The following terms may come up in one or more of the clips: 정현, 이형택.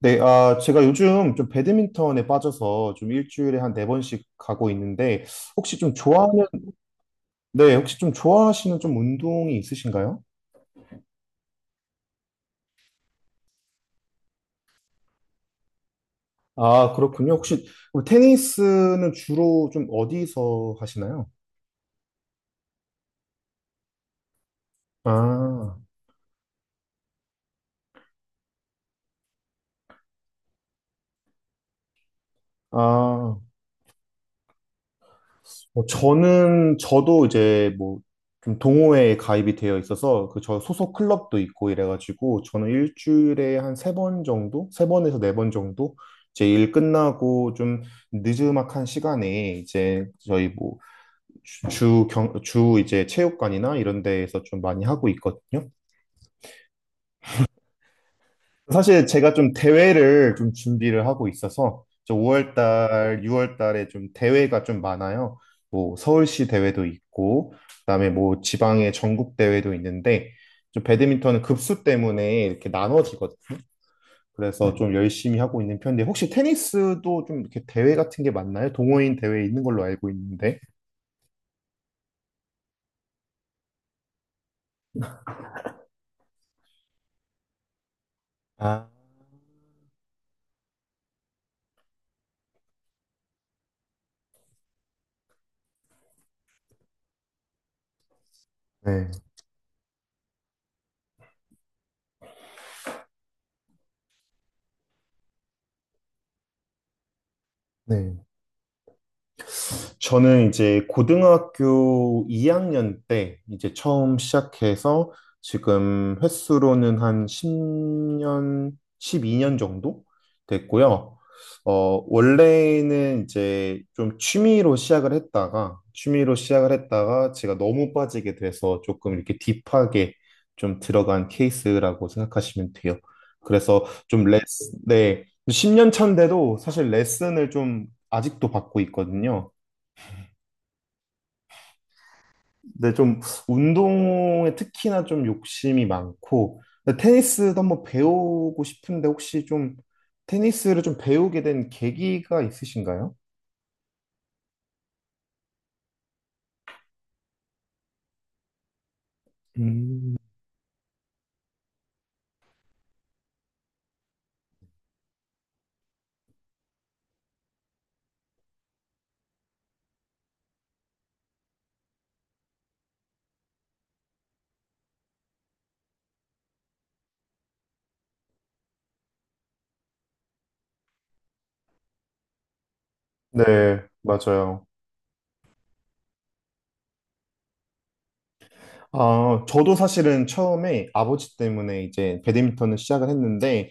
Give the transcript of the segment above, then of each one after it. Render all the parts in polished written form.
네, 아, 제가 요즘 좀 배드민턴에 빠져서 좀 일주일에 한 네 번씩 가고 있는데, 혹시 좀 좋아하는, 네, 혹시 좀 좋아하시는 좀 운동이 있으신가요? 아, 그렇군요. 혹시 그럼 테니스는 주로 좀 어디서 하시나요? 아, 아, 뭐 저는 저도 이제 뭐 좀 동호회에 가입이 되어 있어서 그 저 소속 클럽도 있고 이래가지고 저는 일주일에 한 세 번 정도, 세 번에서 네 번 정도 제 일 끝나고 좀 느즈막한 시간에 이제 저희 뭐 주 주 경 주 이제 체육관이나 이런 데에서 좀 많이 하고 있거든요. 사실 제가 좀 대회를 좀 준비를 하고 있어서 저 5월 달, 6월 달에 좀 대회가 좀 많아요. 뭐 서울시 대회도 있고 그다음에 뭐 지방의 전국 대회도 있는데 좀 배드민턴은 급수 때문에 이렇게 나눠지거든요. 그래서 네. 좀 열심히 하고 있는 편인데 혹시 테니스도 좀 이렇게 대회 같은 게 많나요? 동호인 대회 있는 걸로 알고 있는데. 아, 네. 네. 저는 이제 고등학교 2학년 때 이제 처음 시작해서 지금 횟수로는 한 10년, 12년 정도 됐고요. 어, 원래는 이제 좀 취미로 시작을 했다가 제가 너무 빠지게 돼서 조금 이렇게 딥하게 좀 들어간 케이스라고 생각하시면 돼요. 그래서 좀 레슨, 네. 10년 차인데도 사실 레슨을 좀 아직도 받고 있거든요. 네, 좀 운동에 특히나 좀 욕심이 많고 근데 테니스도 한번 배우고 싶은데 혹시 좀 테니스를 좀 배우게 된 계기가 있으신가요? 음, 네, 맞아요. 아, 저도 사실은 처음에 아버지 때문에 이제 배드민턴을 시작을 했는데,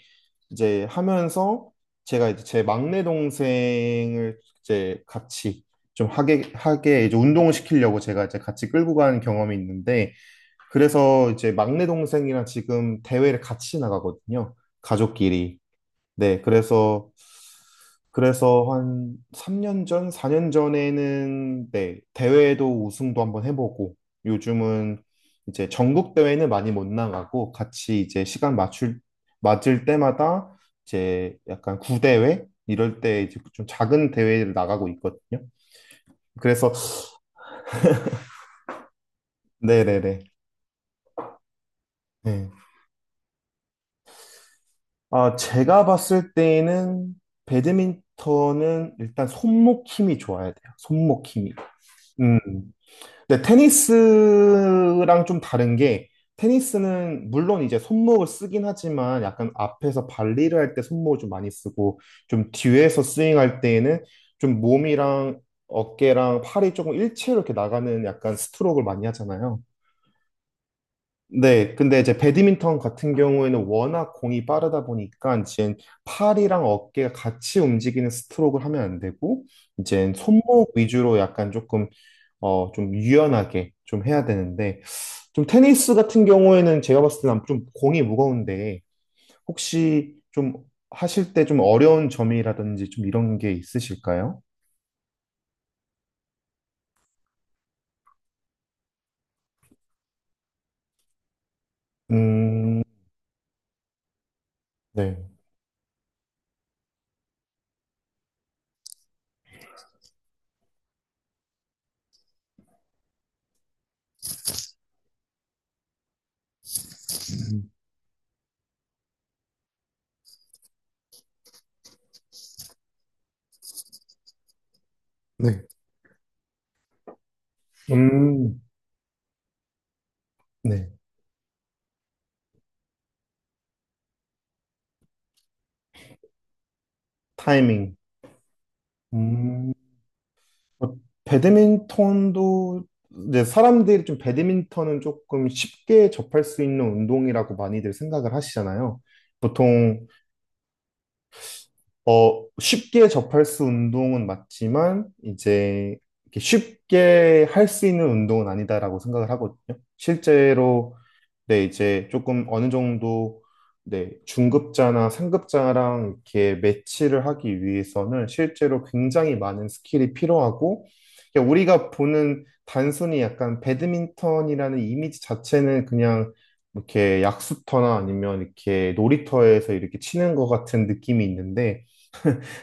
이제 하면서 제가 이제 제 막내 동생을 이제 같이 좀 하게 이제 운동을 시키려고 제가 이제 같이 끌고 간 경험이 있는데, 그래서 이제 막내 동생이랑 지금 대회를 같이 나가거든요. 가족끼리. 네, 그래서, 그래서 한 3년 전, 4년 전에는, 네, 대회도 우승도 한번 해보고, 요즘은 이제 전국 대회는 많이 못 나가고, 같이 이제 시간 맞을 때마다 이제 약간 구대회? 이럴 때 이제 좀 작은 대회를 나가고 있거든요. 그래서, 네네네. 네. 아, 제가 봤을 때는 에 배드민턴은 일단 손목 힘이 좋아야 돼요. 손목 힘이. 음. 근데 테니스랑 좀 다른 게 테니스는 물론 이제 손목을 쓰긴 하지만 약간 앞에서 발리를 할 때 손목을 좀 많이 쓰고 좀 뒤에서 스윙할 때에는 좀 몸이랑 어깨랑 팔이 조금 일체로 이렇게 나가는 약간 스트로크를 많이 하잖아요. 네, 근데 이제 배드민턴 같은 경우에는 워낙 공이 빠르다 보니까 이제 팔이랑 어깨가 같이 움직이는 스트로크를 하면 안 되고 이제 손목 위주로 약간 조금 어 좀 유연하게 좀 해야 되는데 좀 테니스 같은 경우에는 제가 봤을 때는 좀 공이 무거운데 혹시 좀 하실 때 좀 어려운 점이라든지 좀 이런 게 있으실까요? 음, 네. 음, 네. 음, 네. 타이밍. 음. 어, 배드민턴도 이제 사람들이 좀 배드민턴은 조금 쉽게 접할 수 있는 운동이라고 많이들 생각을 하시잖아요. 보통 어 쉽게 접할 수 운동은 맞지만 이제 이렇게 쉽게 할 수 있는 운동은 아니다라고 생각을 하거든요. 실제로 네, 이제 조금 어느 정도 네, 중급자나 상급자랑 이렇게 매치를 하기 위해서는 실제로 굉장히 많은 스킬이 필요하고 그냥 우리가 보는 단순히 약간 배드민턴이라는 이미지 자체는 그냥 이렇게 약수터나 아니면 이렇게 놀이터에서 이렇게 치는 것 같은 느낌이 있는데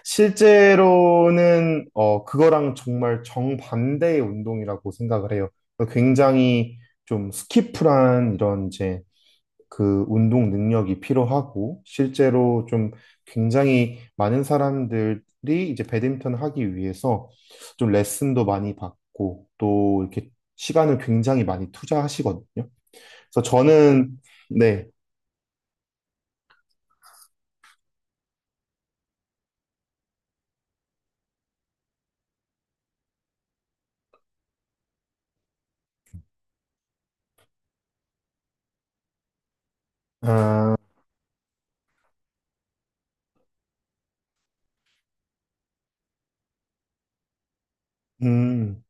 실제로는 어, 그거랑 정말 정반대의 운동이라고 생각을 해요. 굉장히 좀 스키프란 이런 이제 그 운동 능력이 필요하고 실제로 좀 굉장히 많은 사람들이 이제 배드민턴 하기 위해서 좀 레슨도 많이 받고 또 이렇게 시간을 굉장히 많이 투자하시거든요. 그래서 저는 네, 아, 음,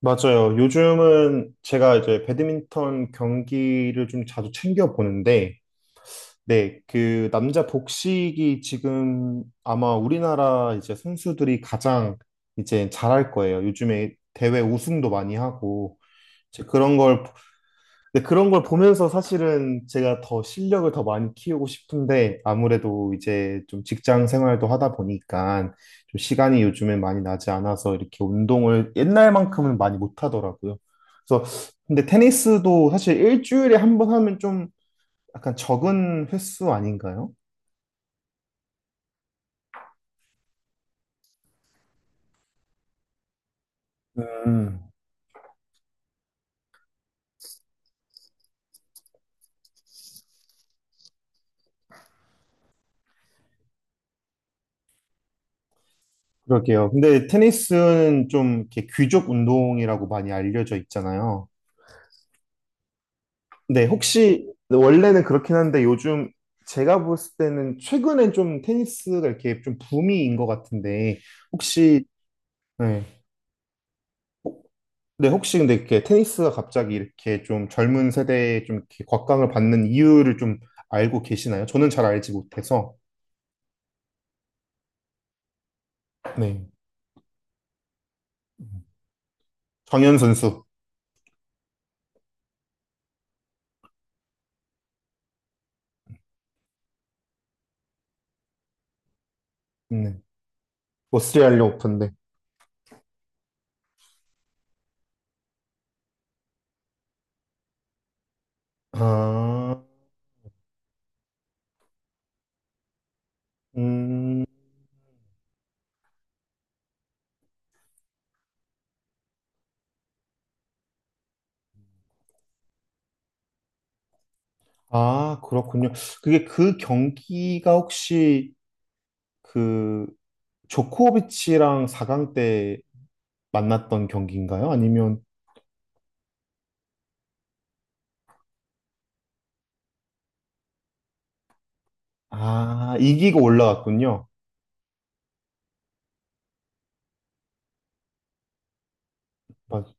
맞아요. 요즘은 제가 이제 배드민턴 경기를 좀 자주 챙겨 보는데 네, 그 남자 복식이 지금 아마 우리나라 이제 선수들이 가장 이제 잘할 거예요. 요즘에 대회 우승도 많이 하고 이제 그런 걸 근데 그런 걸 보면서 사실은 제가 더 실력을 더 많이 키우고 싶은데 아무래도 이제 좀 직장 생활도 하다 보니까 좀 시간이 요즘에 많이 나지 않아서 이렇게 운동을 옛날만큼은 많이 못 하더라고요. 그래서 근데 테니스도 사실 일주일에 한 번 하면 좀 약간 적은 횟수 아닌가요? 음, 그럴게요. 근데 테니스는 좀 이렇게 귀족 운동이라고 많이 알려져 있잖아요. 근데 혹시 원래는 그렇긴 한데 요즘 제가 볼 때는 최근엔 좀 테니스가 이렇게 좀 붐인 것 같은데 혹시 네, 혹- 네, 혹시 근데 이렇게 테니스가 갑자기 이렇게 좀 젊은 세대에 좀 이렇게 곽강을 받는 이유를 좀 알고 계시나요? 저는 잘 알지 못해서 네, 정현 선수, 네, 오스트리아 오픈데 아, 음. 아, 그렇군요. 그게 그 경기가 혹시 그 조코비치랑 4강 때 만났던 경기인가요? 아니면 아, 이기고 올라갔군요. 맞-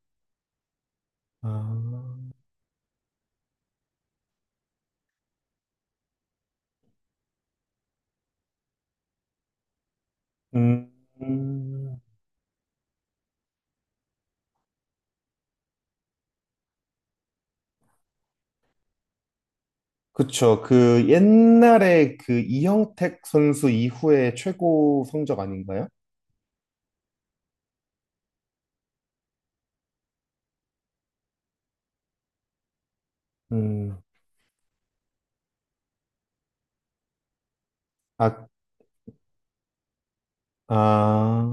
아, 음, 음. 그쵸. 그 옛날에 그 이형택 선수 이후에 최고 성적 아닌가요? 음, 아, 아,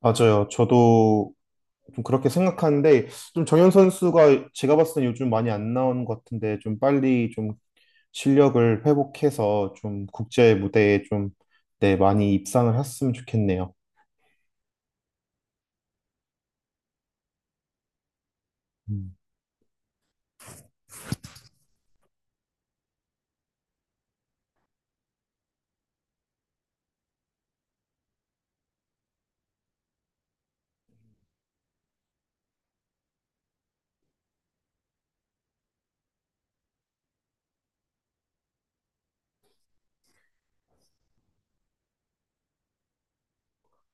맞아요. 저도 좀 그렇게 생각하는데 좀 정현 선수가 제가 봤을 때 요즘 많이 안 나온 것 같은데 좀 빨리 좀 실력을 회복해서 좀 국제 무대에 좀 네, 많이 입상을 했으면 좋겠네요. 음.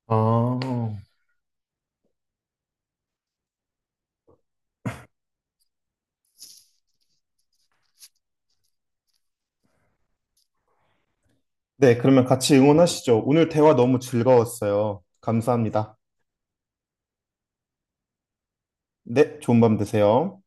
아, 네, 그러면 같이 응원하시죠. 오늘 대화 너무 즐거웠어요. 감사합니다. 네, 좋은 밤 되세요.